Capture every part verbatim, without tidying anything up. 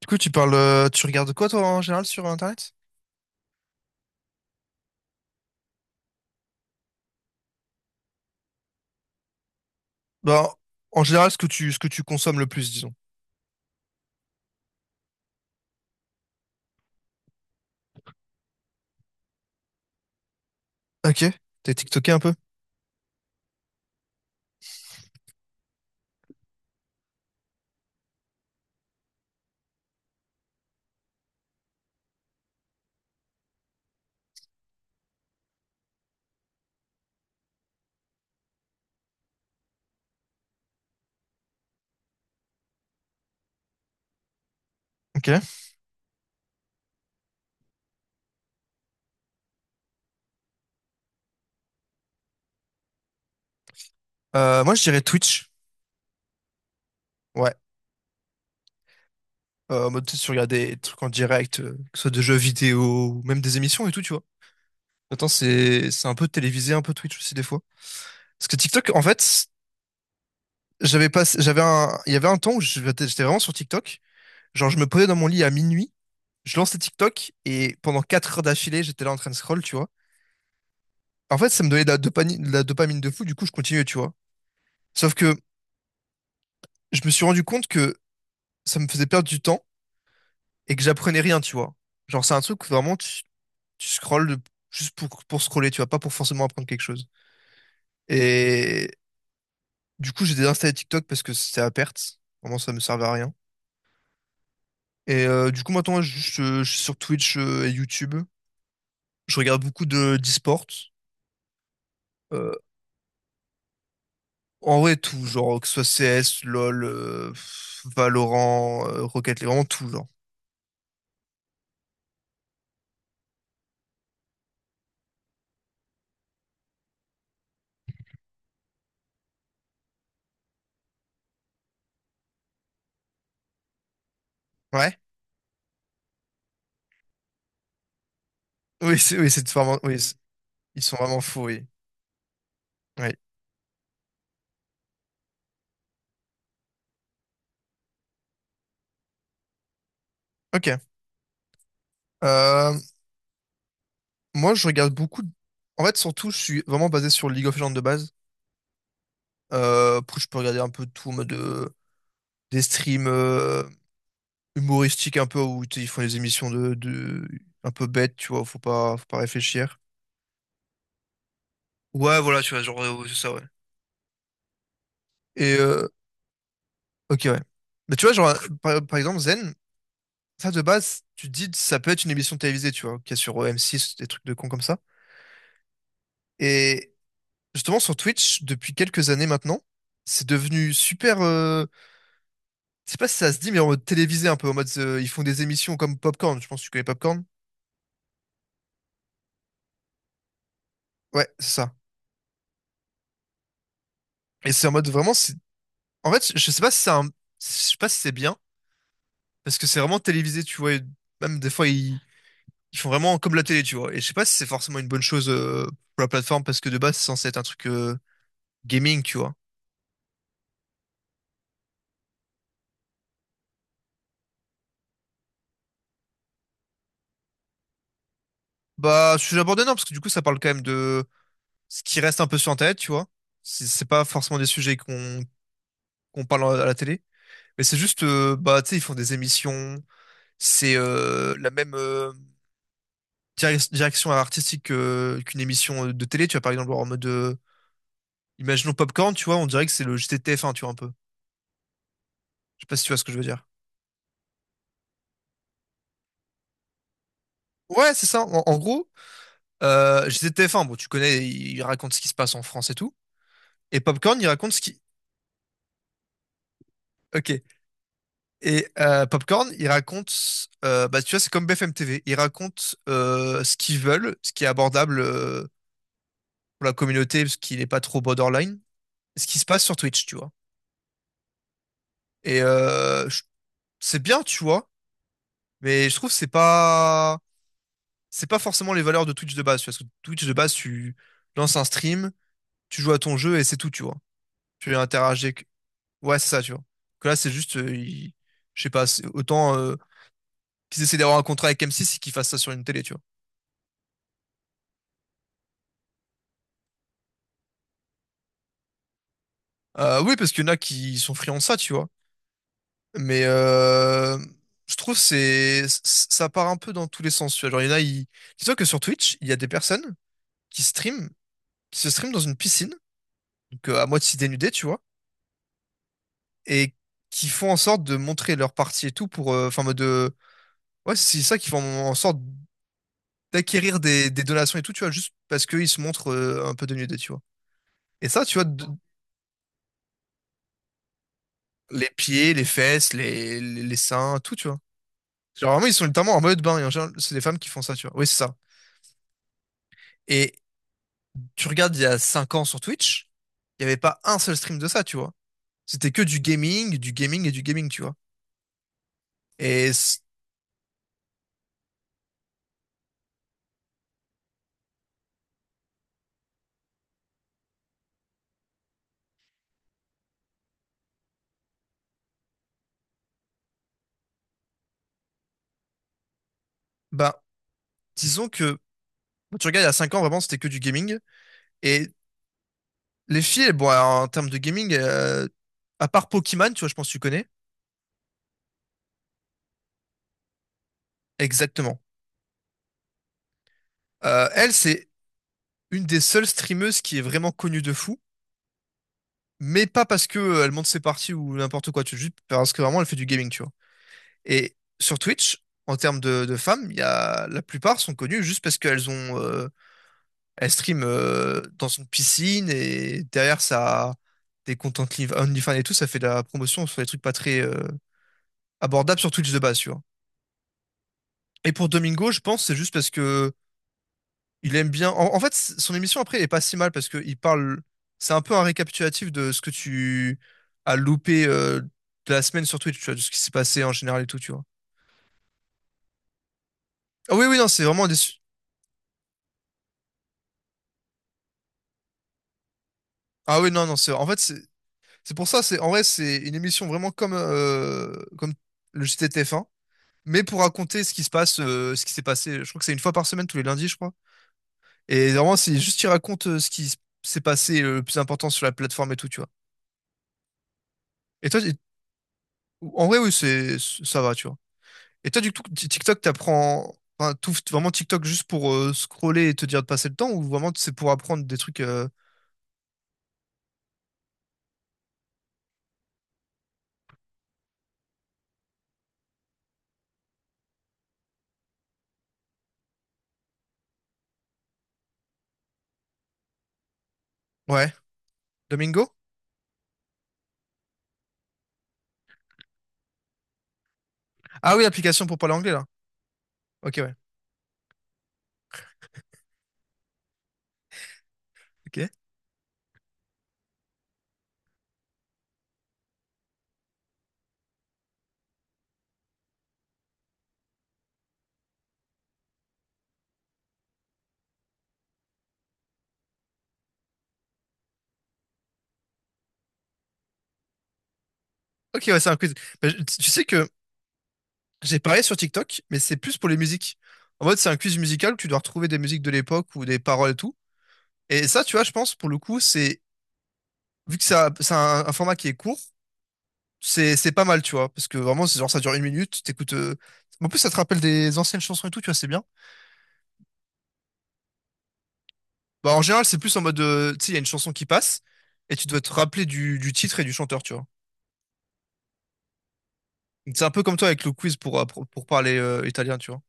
Du coup, tu parles, euh, tu regardes quoi toi en général sur Internet? Bah, en général, ce que tu, ce que tu consommes le plus, disons. Ok. T'es TikToké un peu? Ok. Euh, moi, je dirais Twitch. Ouais. Euh, en mode, tu sais, tu regardes des trucs en direct, euh, que ce soit de jeux vidéo, ou même des émissions et tout, tu vois. Attends, c'est, c'est un peu télévisé, un peu Twitch aussi des fois. Parce que TikTok, en fait, j'avais pas, j'avais un, il y avait un temps où je- j'étais vraiment sur TikTok. Genre, je me posais dans mon lit à minuit, je lançais TikTok et pendant quatre heures d'affilée, j'étais là en train de scroll, tu vois. En fait, ça me donnait de la dopamine, de la dopamine de fou, du coup, je continuais, tu vois. Sauf que je me suis rendu compte que ça me faisait perdre du temps et que j'apprenais rien, tu vois. Genre, c'est un truc où vraiment tu, tu scrolles de- juste pour, pour scroller, tu vois, pas pour forcément apprendre quelque chose. Et du coup, j'ai désinstallé TikTok parce que c'était à perte. Vraiment, ça me servait à rien. Et euh, du coup, maintenant, je, je- je suis sur Twitch euh, et YouTube. Je regarde beaucoup de d'e-sport. Euh, En vrai, tout, genre, que ce soit C S, LoL, euh, Valorant, euh, Rocket League, vraiment tout, genre. Ouais. Oui, c'est oui, c'est vraiment. Oui, c'est- ils sont vraiment fous, oui. Oui. Ok. Euh, Moi, je regarde beaucoup. de- En fait, surtout, je suis vraiment basé sur League of Legends de base. Euh, après, je peux regarder un peu tout en mode euh, des streams euh, humoristiques un peu où tu sais, ils font des émissions de, de un peu bêtes, tu vois. Faut pas, faut pas réfléchir. Ouais, voilà, tu vois, genre, euh, ouais, c'est ça, ouais. Et euh, ok, ouais. Mais tu vois, genre, par, par exemple, Zen, ça de base, tu te dis, ça peut être une émission télévisée, tu vois, qu'il y a sur euh, m six des trucs de cons comme ça. Et justement sur Twitch depuis quelques années maintenant. C'est devenu super. Euh... Je sais pas si ça se dit, mais en mode télévisé un peu, en mode euh, ils font des émissions comme Popcorn. Je pense que tu connais Popcorn. Ouais, c'est ça. Et c'est en mode vraiment. c'est- En fait, je je sais pas si c'est un... Je sais pas si c'est bien parce que c'est vraiment télévisé, tu vois. Et même des fois, ils... ils font vraiment comme la télé, tu vois. Et je sais pas si c'est forcément une bonne chose euh, pour la plateforme parce que de base, c'est censé être un truc euh, gaming, tu vois. Bah, je suis abordé non parce que du coup, ça parle quand même de ce qui reste un peu sur Internet, tu vois. C'est c'est pas forcément des sujets qu'on qu'on parle à la télé. Mais c'est juste, euh, bah, tu sais, ils font des émissions. C'est euh, la même euh, direc- direction artistique que- qu'une émission euh, de télé. Tu vois, par exemple, en mode, euh, imaginons Popcorn, tu vois, on dirait que c'est le G T T F un, tu vois, un peu. Je sais pas si tu vois ce que je veux dire. Ouais, c'est ça. En, en gros, euh, G T T F un, bon, tu connais, il raconte ce qui se passe en France et tout. Et Popcorn, il raconte ce qui. Ok. Et euh, Popcorn, il raconte, euh, bah, tu vois, c'est comme B F M T V. Ils racontent euh, ce qu'ils veulent, ce qui est abordable, euh, pour la communauté parce qu'il n'est pas trop borderline. Ce qui se passe sur Twitch, tu vois. Et euh, je- c'est bien, tu vois, mais je trouve que c'est pas c'est pas forcément les valeurs de Twitch de base. Parce que Twitch de base, tu lances un stream, tu joues à ton jeu et c'est tout, tu vois. Tu interagis avec... Ouais, c'est ça, tu vois. Que là, c'est juste, euh, il- je sais pas, c'est- autant euh, qu'ils essaient d'avoir un contrat avec M six et qu'ils fassent ça sur une télé, tu vois. Euh, oui, parce qu'il y en a qui sont friands de ça, tu vois. Mais euh, je trouve c'est c- ça part un peu dans tous les sens, tu vois. Genre, il y en a, ils... Dis-toi que sur Twitch, il y a des personnes qui streament, qui se streament dans une piscine, donc euh, à moitié dénudées, tu vois, et qui font en sorte de montrer leur partie et tout pour... euh, enfin, en mode... euh, ouais, c'est ça qui font en sorte d'acquérir des, des donations et tout, tu vois, juste parce qu'ils se montrent euh, un peu dénudés, tu vois. Et ça, tu vois, de- les pieds, les fesses, les, les, les seins, tout, tu vois. Genre, vraiment, ils sont littéralement en mode bain, et en général, c'est des femmes qui font ça, tu vois. Oui, c'est ça. Et tu regardes il y a cinq ans sur Twitch, il n'y avait pas un seul stream de ça, tu vois. C'était que du gaming, du gaming et du gaming, tu vois. Et c- bah, disons que bah, tu regardes il y a cinq ans, vraiment, c'était que du gaming. Et les filles, bon, alors, en termes de gaming, euh, à part Pokémon, tu vois, je pense que tu connais. Exactement. Euh, elle, c'est une des seules streameuses qui est vraiment connue de fou. Mais pas parce que euh, elle monte ses parties ou n'importe quoi, tu vois, juste parce que vraiment elle fait du gaming, tu vois. Et sur Twitch, en termes de, de femmes, il y a, la plupart sont connues juste parce qu'elles ont, euh, elles streament euh, dans une piscine et derrière ça, des comptes Only- OnlyFans et tout, ça fait de la promotion sur des trucs pas très euh, abordables sur Twitch de base, tu vois. Et pour Domingo, je pense que c'est juste parce que il aime bien. En, en fait, c- son émission après, elle est pas si mal parce que il parle. C'est un peu un récapitulatif de ce que tu as loupé euh, de la semaine sur Twitch, tu vois, de ce qui s'est passé en général et tout, tu vois. Ah oui, oui, non, c'est vraiment des. su- Ah oui, non, non, c'est. En fait, c'est C'est pour ça, c'est en vrai, c'est une émission vraiment comme, euh, comme le J T de T F un mais pour raconter ce qui se passe, euh, ce qui s'est passé. Je crois que c'est une fois par semaine, tous les lundis, je crois. Et vraiment, c'est juste, il raconte euh, ce qui s- s'est passé euh, le plus important sur la plateforme et tout, tu vois. Et toi, et- en vrai, oui, c'est, ça va, tu vois. Et toi, du coup, t- TikTok, t'apprends, enfin, tout, vraiment TikTok juste pour euh, scroller et te dire de passer le temps, ou vraiment c'est pour apprendre des trucs, euh, ouais. Domingo? Ah oui, l'application pour parler anglais, là. Ok, ouais. Ok. Ok, ouais, c'est un quiz. Bah, je- tu sais que j'ai parlé sur TikTok, mais c'est plus pour les musiques. En mode, c'est un quiz musical où tu dois retrouver des musiques de l'époque ou des paroles et tout. Et ça, tu vois, je pense, pour le coup, c'est, vu que c'est un, c'est un- un format qui est court, c'est, c'est pas mal, tu vois. Parce que vraiment, c'est genre, ça dure une minute, t'écoutes, euh, en plus, ça te rappelle des anciennes chansons et tout, tu vois, c'est bien. Bah, en général, c'est plus en mode, euh, tu sais, il y a une chanson qui passe, et tu dois te rappeler du, du titre et du chanteur, tu vois. Donc, c'est un peu comme toi avec le quiz pour, euh, pour, pour parler, euh, italien, tu vois.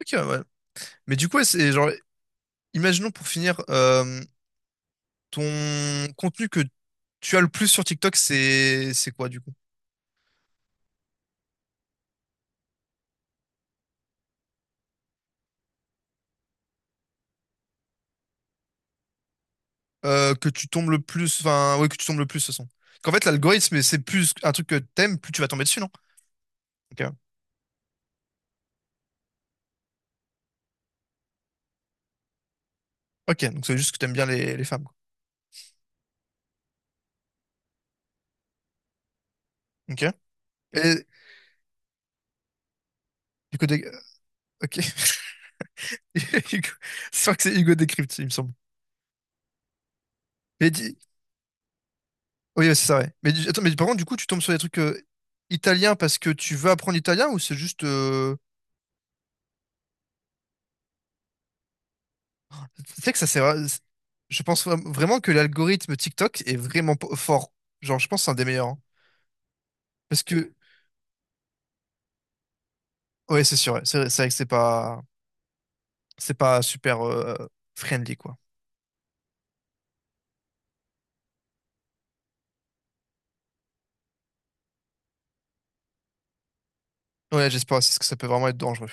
Ok, ouais. Mais du coup, ouais, c'est genre, imaginons pour finir, euh, ton contenu que tu as le plus sur TikTok, c'est c'est quoi du coup? Euh, que tu tombes le plus, enfin ouais, que tu tombes le plus, ce sont. Qu'en fait, l'algorithme, c'est plus un truc que t'aimes, plus tu vas tomber dessus, non? Ok. Ok, donc c'est juste que t'aimes bien les, les femmes, quoi. Ok. Et du coup, des- ok. Hugo- Je crois que c'est Hugo Décrypte, il me semble. Mais dis- oui, ouais, c'est ça, ouais. Mais dis- attends, mais par contre, du coup, tu tombes sur des trucs euh, italiens parce que tu veux apprendre l'italien ou c'est juste, euh, tu sais que ça sert. à- Je pense vra- vraiment que l'algorithme TikTok est vraiment po- fort. Genre, je pense que c'est un des meilleurs, hein. Parce que ouais, c'est sûr, ouais. C'est c'est vrai que c'est pas, c'est pas super euh, friendly, quoi. Ouais, j'espère aussi parce que ça peut vraiment être dangereux.